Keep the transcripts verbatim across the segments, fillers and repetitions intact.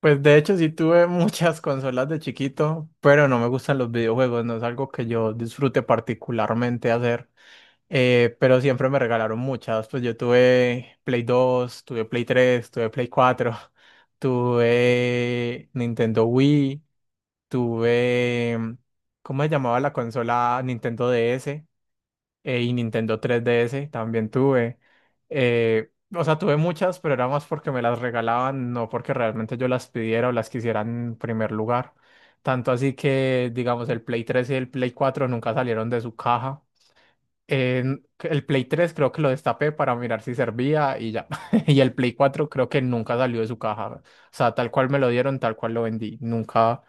Pues de hecho sí tuve muchas consolas de chiquito, pero no me gustan los videojuegos, no es algo que yo disfrute particularmente hacer, eh, pero siempre me regalaron muchas. Pues yo tuve Play dos, tuve Play tres, tuve Play cuatro, tuve Nintendo Wii, tuve, ¿cómo se llamaba la consola? Nintendo D S, eh, y Nintendo tres D S también tuve. Eh, o sea, tuve muchas, pero era más porque me las regalaban, no porque realmente yo las pidiera o las quisiera en primer lugar. Tanto así que, digamos, el Play tres y el Play cuatro nunca salieron de su caja. En- el Play tres creo que lo destapé para mirar si servía y ya. Y el Play cuatro creo que nunca salió de su caja. O sea, tal cual me lo dieron, tal cual lo vendí. Nunca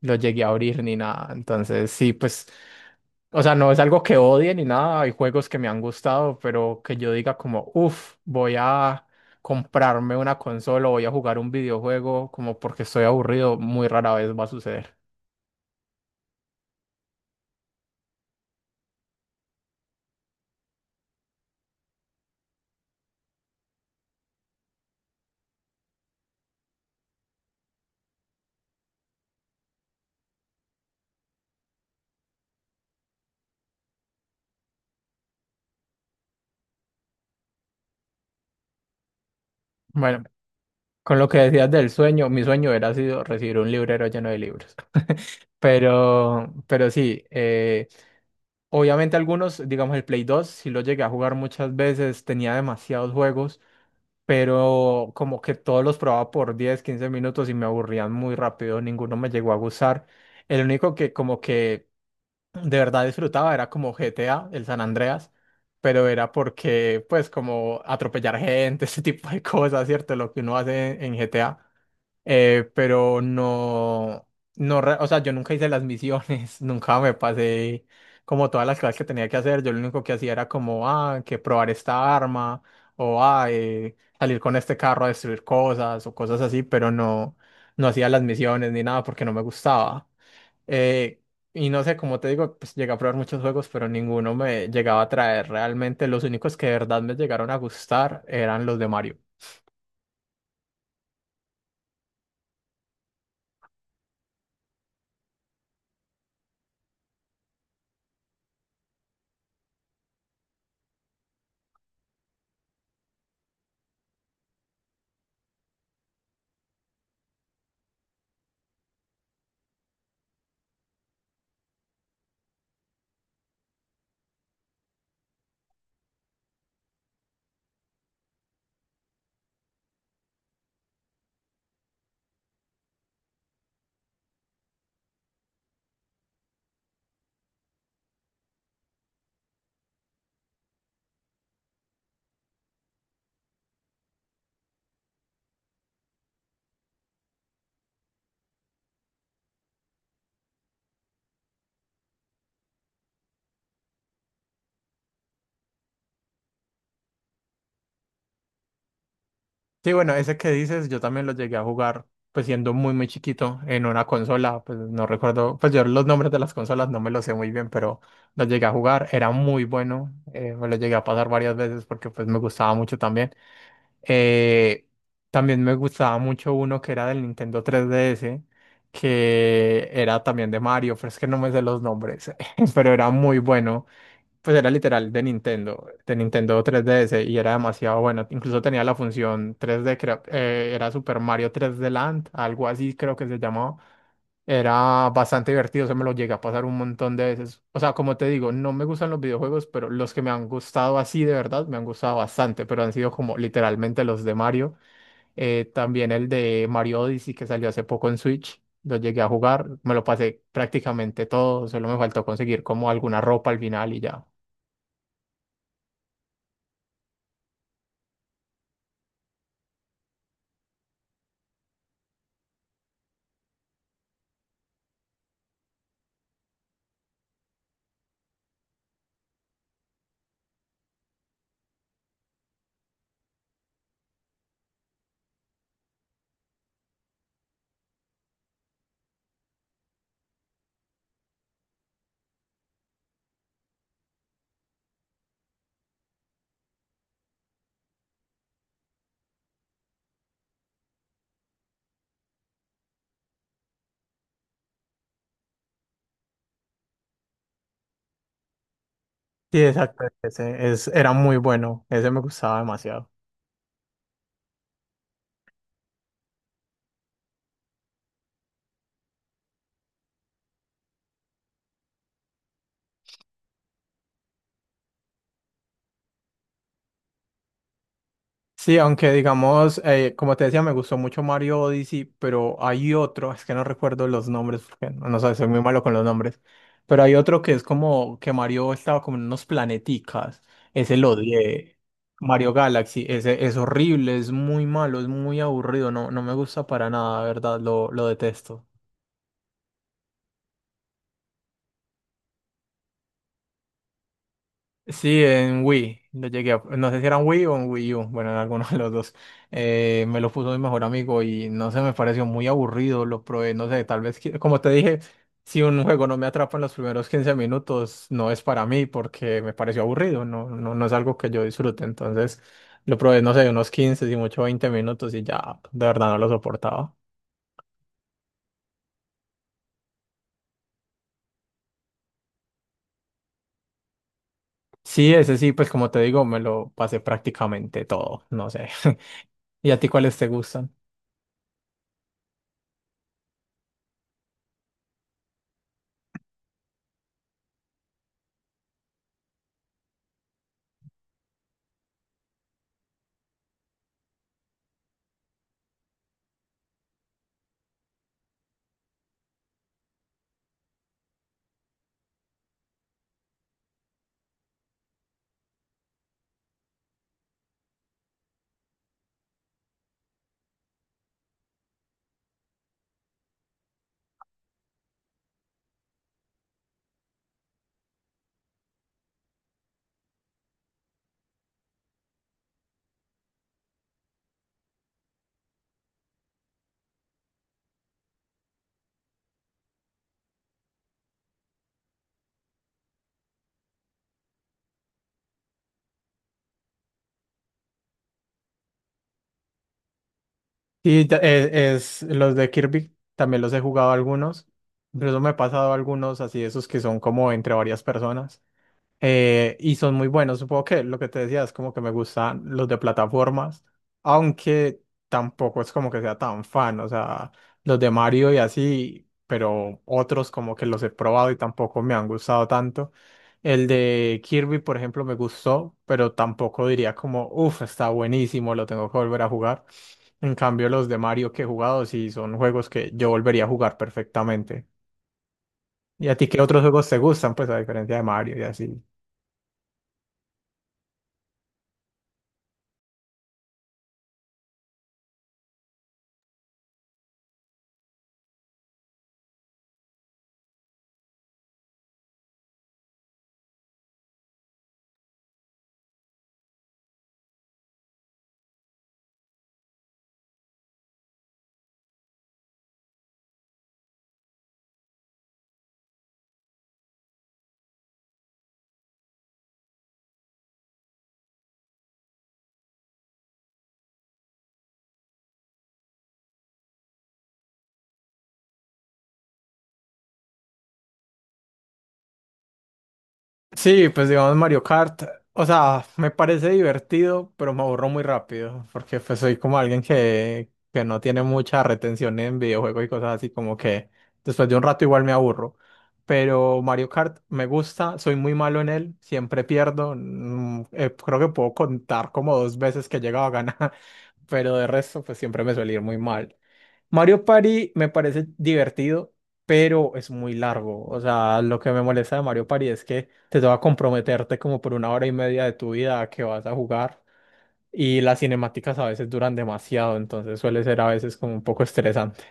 lo llegué a abrir ni nada. Entonces, sí, pues. O sea, no es algo que odie ni nada, hay juegos que me han gustado, pero que yo diga como, uff, voy a comprarme una consola, voy a jugar un videojuego, como porque estoy aburrido, muy rara vez va a suceder. Bueno, con lo que decías del sueño, mi sueño hubiera sido recibir un librero lleno de libros. Pero, pero sí, eh, obviamente algunos, digamos el Play dos si lo llegué a jugar muchas veces, tenía demasiados juegos, pero como que todos los probaba por diez quince minutos y me aburrían muy rápido, ninguno me llegó a gustar. El único que como que de verdad disfrutaba era como G T A, el San Andreas, pero era porque pues como atropellar gente, ese tipo de cosas, ¿cierto? Lo que uno hace en G T A, eh, pero no, no, re- o sea, yo nunca hice las misiones, nunca me pasé como todas las cosas que tenía que hacer. Yo lo único que hacía era como, ah, que probar esta arma, o ah, eh, salir con este carro a destruir cosas, o cosas así, pero no, no hacía las misiones ni nada porque no me gustaba. Eh, y no sé, como te digo, pues llegué a probar muchos juegos, pero ninguno me llegaba a traer realmente, los únicos que de verdad me llegaron a gustar eran los de Mario. Sí, bueno, ese que dices, yo también lo llegué a jugar, pues siendo muy, muy chiquito, en una consola, pues no recuerdo, pues yo los nombres de las consolas no me los sé muy bien, pero lo llegué a jugar, era muy bueno, eh, me lo llegué a pasar varias veces porque pues me gustaba mucho también. Eh, también me gustaba mucho uno que era del Nintendo tres D S, que era también de Mario, pero es que no me sé los nombres, pero era muy bueno. Pues era literal de Nintendo, de Nintendo tres D S y era demasiado bueno. Incluso tenía la función tres D, creo, eh, era Super Mario tres D Land, algo así creo que se llamaba. Era bastante divertido, se me lo llegué a pasar un montón de veces. O sea, como te digo, no me gustan los videojuegos, pero los que me han gustado así de verdad me han gustado bastante, pero han sido como literalmente los de Mario. Eh, también el de Mario Odyssey que salió hace poco en Switch, lo llegué a jugar, me lo pasé prácticamente todo, solo me faltó conseguir como alguna ropa al final y ya. Sí, exacto, ese es, era muy bueno, ese me gustaba demasiado. Sí, aunque digamos, eh, como te decía, me gustó mucho Mario Odyssey, pero hay otro, es que no recuerdo los nombres, porque no, no sé, soy muy malo con los nombres, pero hay otro que es como que Mario estaba como en unos planeticas, ese lo odié, Mario Galaxy, ese es horrible, es muy malo, es muy aburrido, no, no me gusta para nada, de verdad, lo, lo detesto. Sí, en Wii, lo llegué a- no sé si era en Wii o en Wii U, bueno, en alguno de los dos. Eh, me lo puso mi mejor amigo y no sé, me pareció muy aburrido, lo probé, no sé, tal vez, que- como te dije, si un juego no me atrapa en los primeros quince minutos, no es para mí porque me pareció aburrido, no, no, no es algo que yo disfrute, entonces lo probé, no sé, unos quince y mucho veinte minutos y ya, de verdad no lo soportaba. Sí, ese sí, pues como te digo, me lo pasé prácticamente todo, no sé. ¿Y a ti cuáles te gustan? Sí, ta- eh, es, los de Kirby, también los he jugado algunos, incluso me he pasado algunos así, esos que son como entre varias personas. Eh, y son muy buenos, supongo que lo que te decía es como que me gustan los de plataformas, aunque tampoco es como que sea tan fan, o sea, los de Mario y así, pero otros como que los he probado y tampoco me han gustado tanto. El de Kirby, por ejemplo, me gustó, pero tampoco diría como, uff, está buenísimo, lo tengo que volver a jugar. En cambio, los de Mario que he jugado sí son juegos que yo volvería a jugar perfectamente. ¿Y a ti qué otros juegos te gustan, pues a diferencia de Mario y así? Sí, pues digamos Mario Kart, o sea, me parece divertido, pero me aburro muy rápido, porque pues soy como alguien que, que no tiene mucha retención en videojuegos y cosas así, como que después de un rato igual me aburro. Pero Mario Kart me gusta, soy muy malo en él, siempre pierdo, mm, eh, creo que puedo contar como dos veces que he llegado a ganar, pero de resto pues siempre me suele ir muy mal. Mario Party me parece divertido pero es muy largo. O sea, lo que me molesta de Mario Party es que te toca comprometerte como por una hora y media de tu vida a que vas a jugar y las cinemáticas a veces duran demasiado, entonces suele ser a veces como un poco estresante.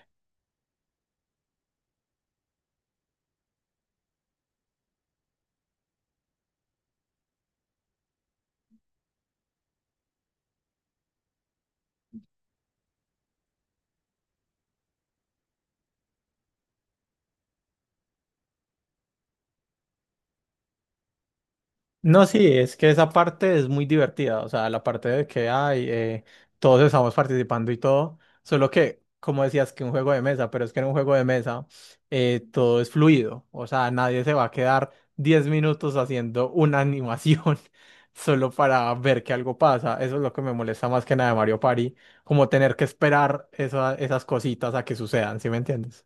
No, sí, es que esa parte es muy divertida, o sea, la parte de que ay, eh, todos estamos participando y todo, solo que, como decías, que un juego de mesa, pero es que en un juego de mesa eh, todo es fluido, o sea, nadie se va a quedar diez minutos haciendo una animación solo para ver que algo pasa, eso es lo que me molesta más que nada de Mario Party, como tener que esperar esa- esas cositas a que sucedan, ¿sí me entiendes?